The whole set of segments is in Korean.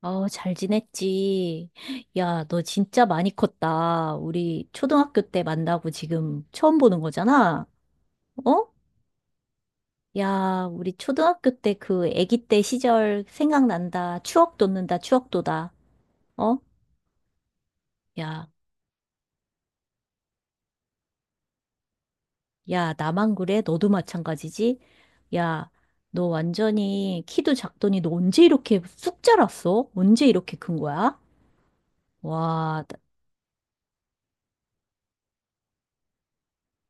어, 잘 지냈지? 야, 너 진짜 많이 컸다. 우리 초등학교 때 만나고 지금 처음 보는 거잖아? 어? 야, 우리 초등학교 때 그 아기 때 시절 생각난다. 추억 돋는다. 추억 돋아. 어? 야, 야, 나만 그래? 너도 마찬가지지? 야, 너 완전히 키도 작더니 너 언제 이렇게 쑥 자랐어? 언제 이렇게 큰 거야? 와,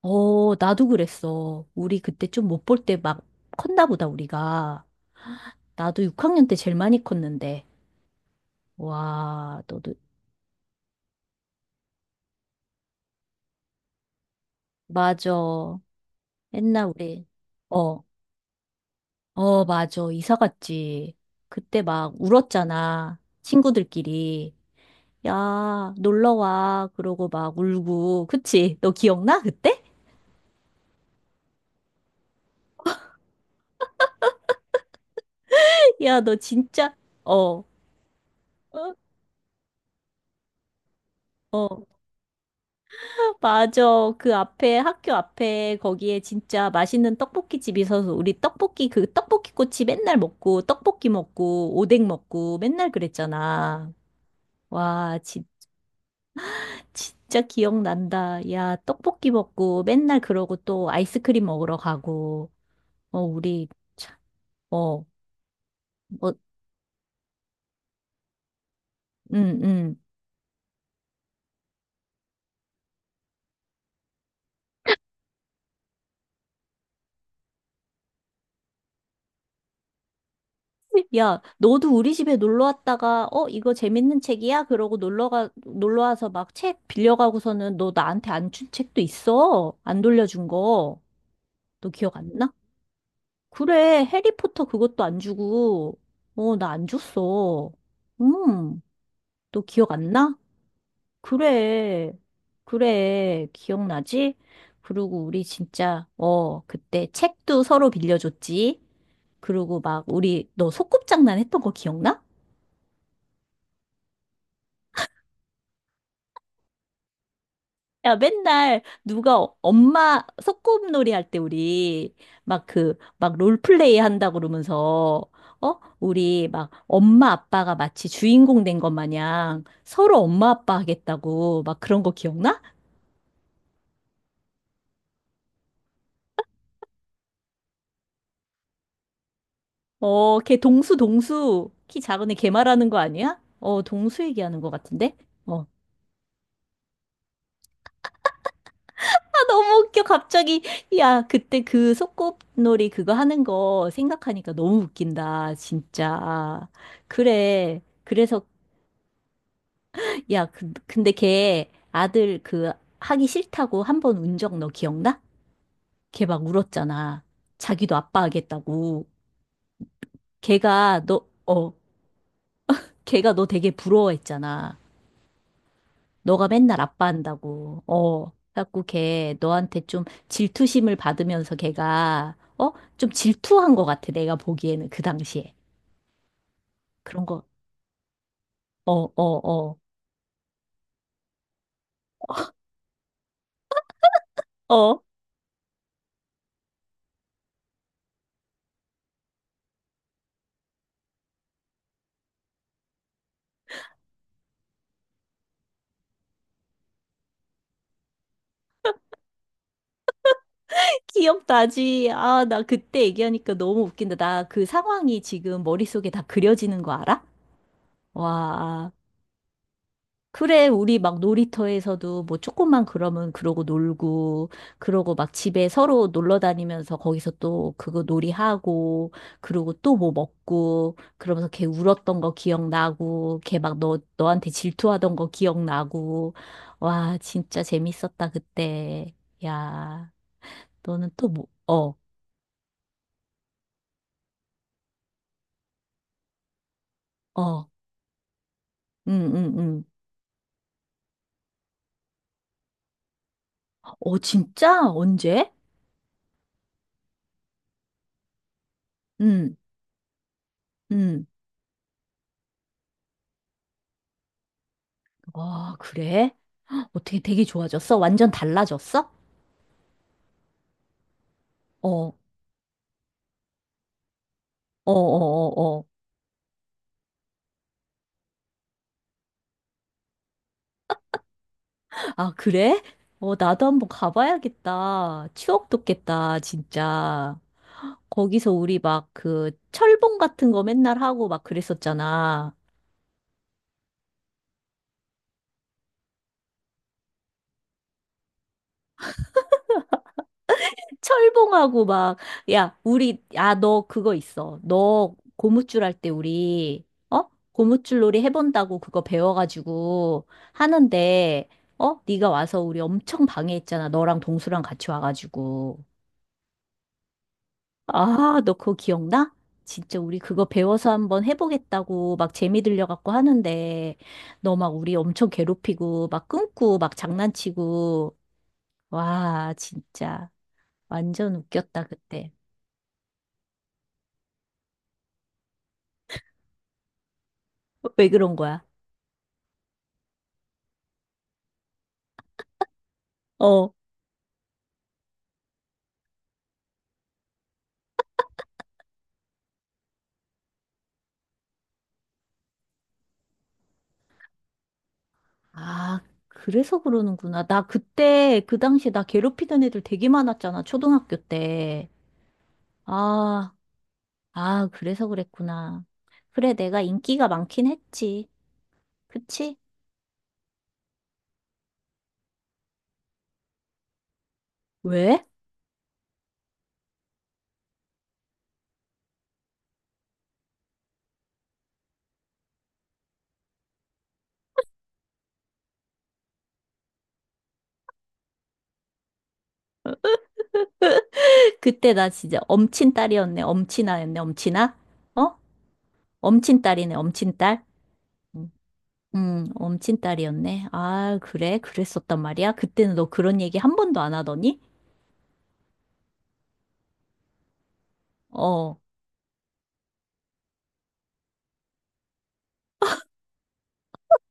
어, 나도 그랬어. 우리 그때 좀 못 볼 때 막 컸나 보다, 우리가. 나도 6학년 때 제일 많이 컸는데. 와, 너도, 맞아. 옛날 우리, 어, 어, 맞아. 이사 갔지. 그때 막 울었잖아. 친구들끼리. 야, 놀러 와. 그러고 막 울고. 그치? 너 기억나? 그때? 야, 너 진짜, 어, 어, 어. 맞아. 그 앞에, 학교 앞에, 거기에 진짜 맛있는 떡볶이 집이 있어서 우리 떡볶이, 그 떡볶이 꼬치 맨날 먹고, 떡볶이 먹고, 오뎅 먹고, 맨날 그랬잖아. 와, 진 진짜 기억난다. 야, 떡볶이 먹고, 맨날 그러고 또 아이스크림 먹으러 가고, 어, 우리, 참, 어, 뭐, 응, 응. 야, 너도 우리 집에 놀러 왔다가, 어, 이거 재밌는 책이야? 그러고 놀러가, 놀러 와서 막 책 빌려가고서는 너 나한테 안 준 책도 있어. 안 돌려준 거. 너 기억 안 나? 그래, 해리포터 그것도 안 주고, 어, 나 안 줬어. 음, 너 기억 안 나? 그래, 그래, 기억나지? 그리고 우리 진짜, 어, 그때 책도 서로 빌려줬지. 그리고 막 우리, 너 소꿉장난 했던 거 기억나? 야, 맨날 누가 엄마 소꿉놀이 할 때 우리 막 그, 막 롤플레이 한다 그러면서, 어? 우리 막 엄마 아빠가 마치 주인공 된 것 마냥 서로 엄마 아빠 하겠다고 막 그런 거 기억나? 어, 걔 동수, 동수. 키 작은 애 걔 말하는 거 아니야? 어, 동수 얘기하는 것 같은데? 어. 아, 너무 웃겨, 갑자기. 야, 그때 그 소꿉놀이 그거 하는 거 생각하니까 너무 웃긴다, 진짜. 그래. 그래서 야, 그, 근데 걔 아들 그 하기 싫다고 한 번 운 적 너 기억나? 걔 막 울었잖아. 자기도 아빠 하겠다고. 걔가 너, 어, 걔가 너 되게 부러워했잖아. 너가 맨날 아빠 한다고. 어. 그래갖고 걔 너한테 좀 질투심을 받으면서 걔가, 어? 좀 질투한 것 같아. 내가 보기에는 그 당시에. 그런 거, 어, 어, 어, 어. 기억나지? 아, 나 그때 얘기하니까 너무 웃긴다. 나 그 상황이 지금 머릿속에 다 그려지는 거 알아? 와. 그래, 우리 막 놀이터에서도 뭐 조금만 그러면 그러고 놀고, 그러고 막 집에 서로 놀러 다니면서 거기서 또 그거 놀이하고, 그러고 또 뭐 먹고, 그러면서 걔 울었던 거 기억나고, 걔 막 너, 너한테 질투하던 거 기억나고. 와, 진짜 재밌었다, 그때. 야, 너는 또 뭐, 어, 어. 응, 응, 응. 어, 진짜? 언제? 응, 응. 아, 그래? 어떻게 되게 좋아졌어? 완전 달라졌어? 어, 어, 어, 어, 어. 아, 그래? 어, 나도 한번 가봐야겠다. 추억 돋겠다, 진짜. 거기서 우리 막 그 철봉 같은 거 맨날 하고 막 그랬었잖아. 철봉하고 막, 야, 우리, 야, 너 그거 있어. 너 고무줄 할 때 우리, 어? 고무줄 놀이 해본다고 그거 배워가지고 하는데, 어? 네가 와서 우리 엄청 방해했잖아. 너랑 동수랑 같이 와가지고. 아, 너 그거 기억나? 진짜 우리 그거 배워서 한번 해보겠다고 막 재미 들려갖고 하는데, 너 막 우리 엄청 괴롭히고, 막 끊고, 막 장난치고. 와, 진짜. 완전 웃겼다, 그때. 왜 그런 거야? 어. 아, 그래서 그러는구나. 나 그때, 그 당시에 나 괴롭히던 애들 되게 많았잖아, 초등학교 때. 아, 아, 그래서 그랬구나. 그래, 내가 인기가 많긴 했지. 그치? 왜? 그때 나 진짜 엄친 딸이었네, 엄친아였네, 엄친아? 어? 엄친 딸이네, 엄친 딸? 음, 엄친 딸이었네. 아, 그래? 그랬었단 말이야? 그때는 너 그런 얘기 한 번도 안 하더니? 어.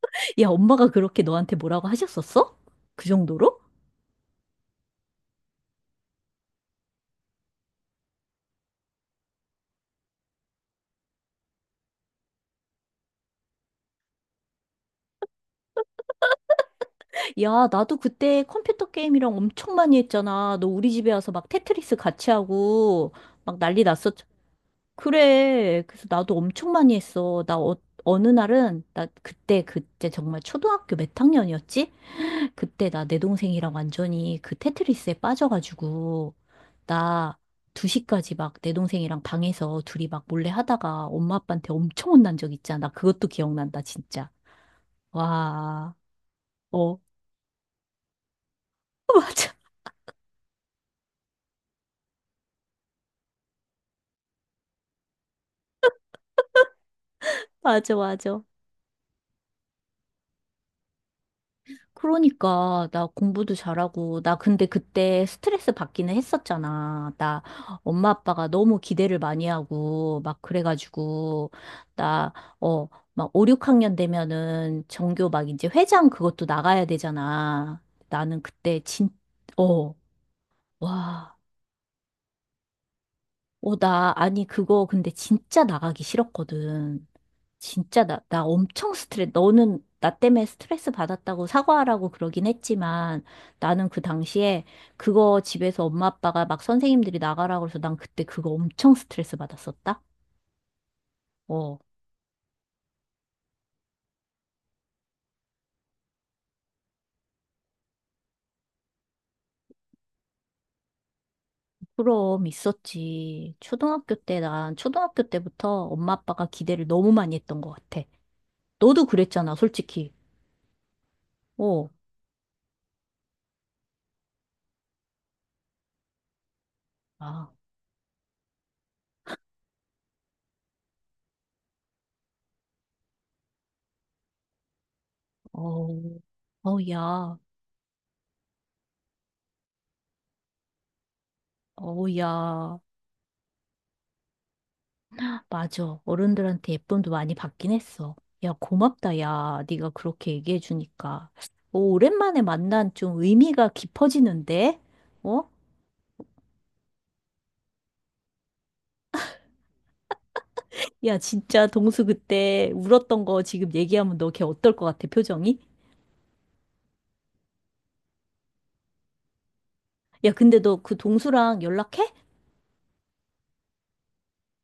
야, 엄마가 그렇게 너한테 뭐라고 하셨었어? 그 정도로? 야, 나도 그때 컴퓨터 게임이랑 엄청 많이 했잖아. 너 우리 집에 와서 막 테트리스 같이 하고 막 난리 났었죠. 그래. 그래서 나도 엄청 많이 했어. 나 어, 어느 날은 나 그때 정말 초등학교 몇 학년이었지? 그때 나 내 동생이랑 완전히 그 테트리스에 빠져가지고 나 2시까지 막 내 동생이랑 방에서 둘이 막 몰래 하다가 엄마 아빠한테 엄청 혼난 적 있잖아. 나 그것도 기억난다, 진짜. 와, 어, 맞아, 맞아, 맞아. 그러니까 나 공부도 잘하고 나 근데 그때 스트레스 받기는 했었잖아. 나 엄마 아빠가 너무 기대를 많이 하고 막 그래가지고 나 어 막 5, 6학년 되면은 전교 막 이제 회장 그것도 나가야 되잖아. 나는 그때 진 어, 와, 어, 나 아니 그거 근데 진짜 나가기 싫었거든. 진짜 나 엄청 스트레스, 너는 나 때문에 스트레스 받았다고 사과하라고 그러긴 했지만 나는 그 당시에 그거 집에서 엄마 아빠가 막 선생님들이 나가라 고 해서 난 그때 그거 엄청 스트레스 받았었다? 어, 그럼 있었지. 초등학교 때, 난 초등학교 때부터 엄마 아빠가 기대를 너무 많이 했던 것 같아. 너도 그랬잖아, 솔직히. 어, 아, 어, 어, 야, 어, 야. 맞아. 어른들한테 예쁨도 많이 받긴 했어. 야, 고맙다, 야. 네가 그렇게 얘기해 주니까. 오, 오랜만에 만난 좀 의미가 깊어지는데? 어? 야, 진짜 동수 그때 울었던 거 지금 얘기하면 너 걔 어떨 것 같아, 표정이? 야, 근데 너 그 동수랑 연락해?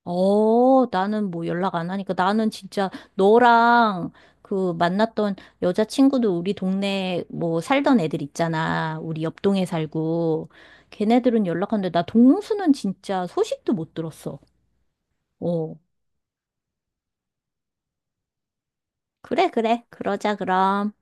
어, 나는 뭐 연락 안 하니까 나는 진짜 너랑 그 만났던 여자친구도 우리 동네 뭐 살던 애들 있잖아. 우리 옆 동에 살고. 걔네들은 연락하는데 나 동수는 진짜 소식도 못 들었어. 어. 그래, 그래. 그러자, 그럼.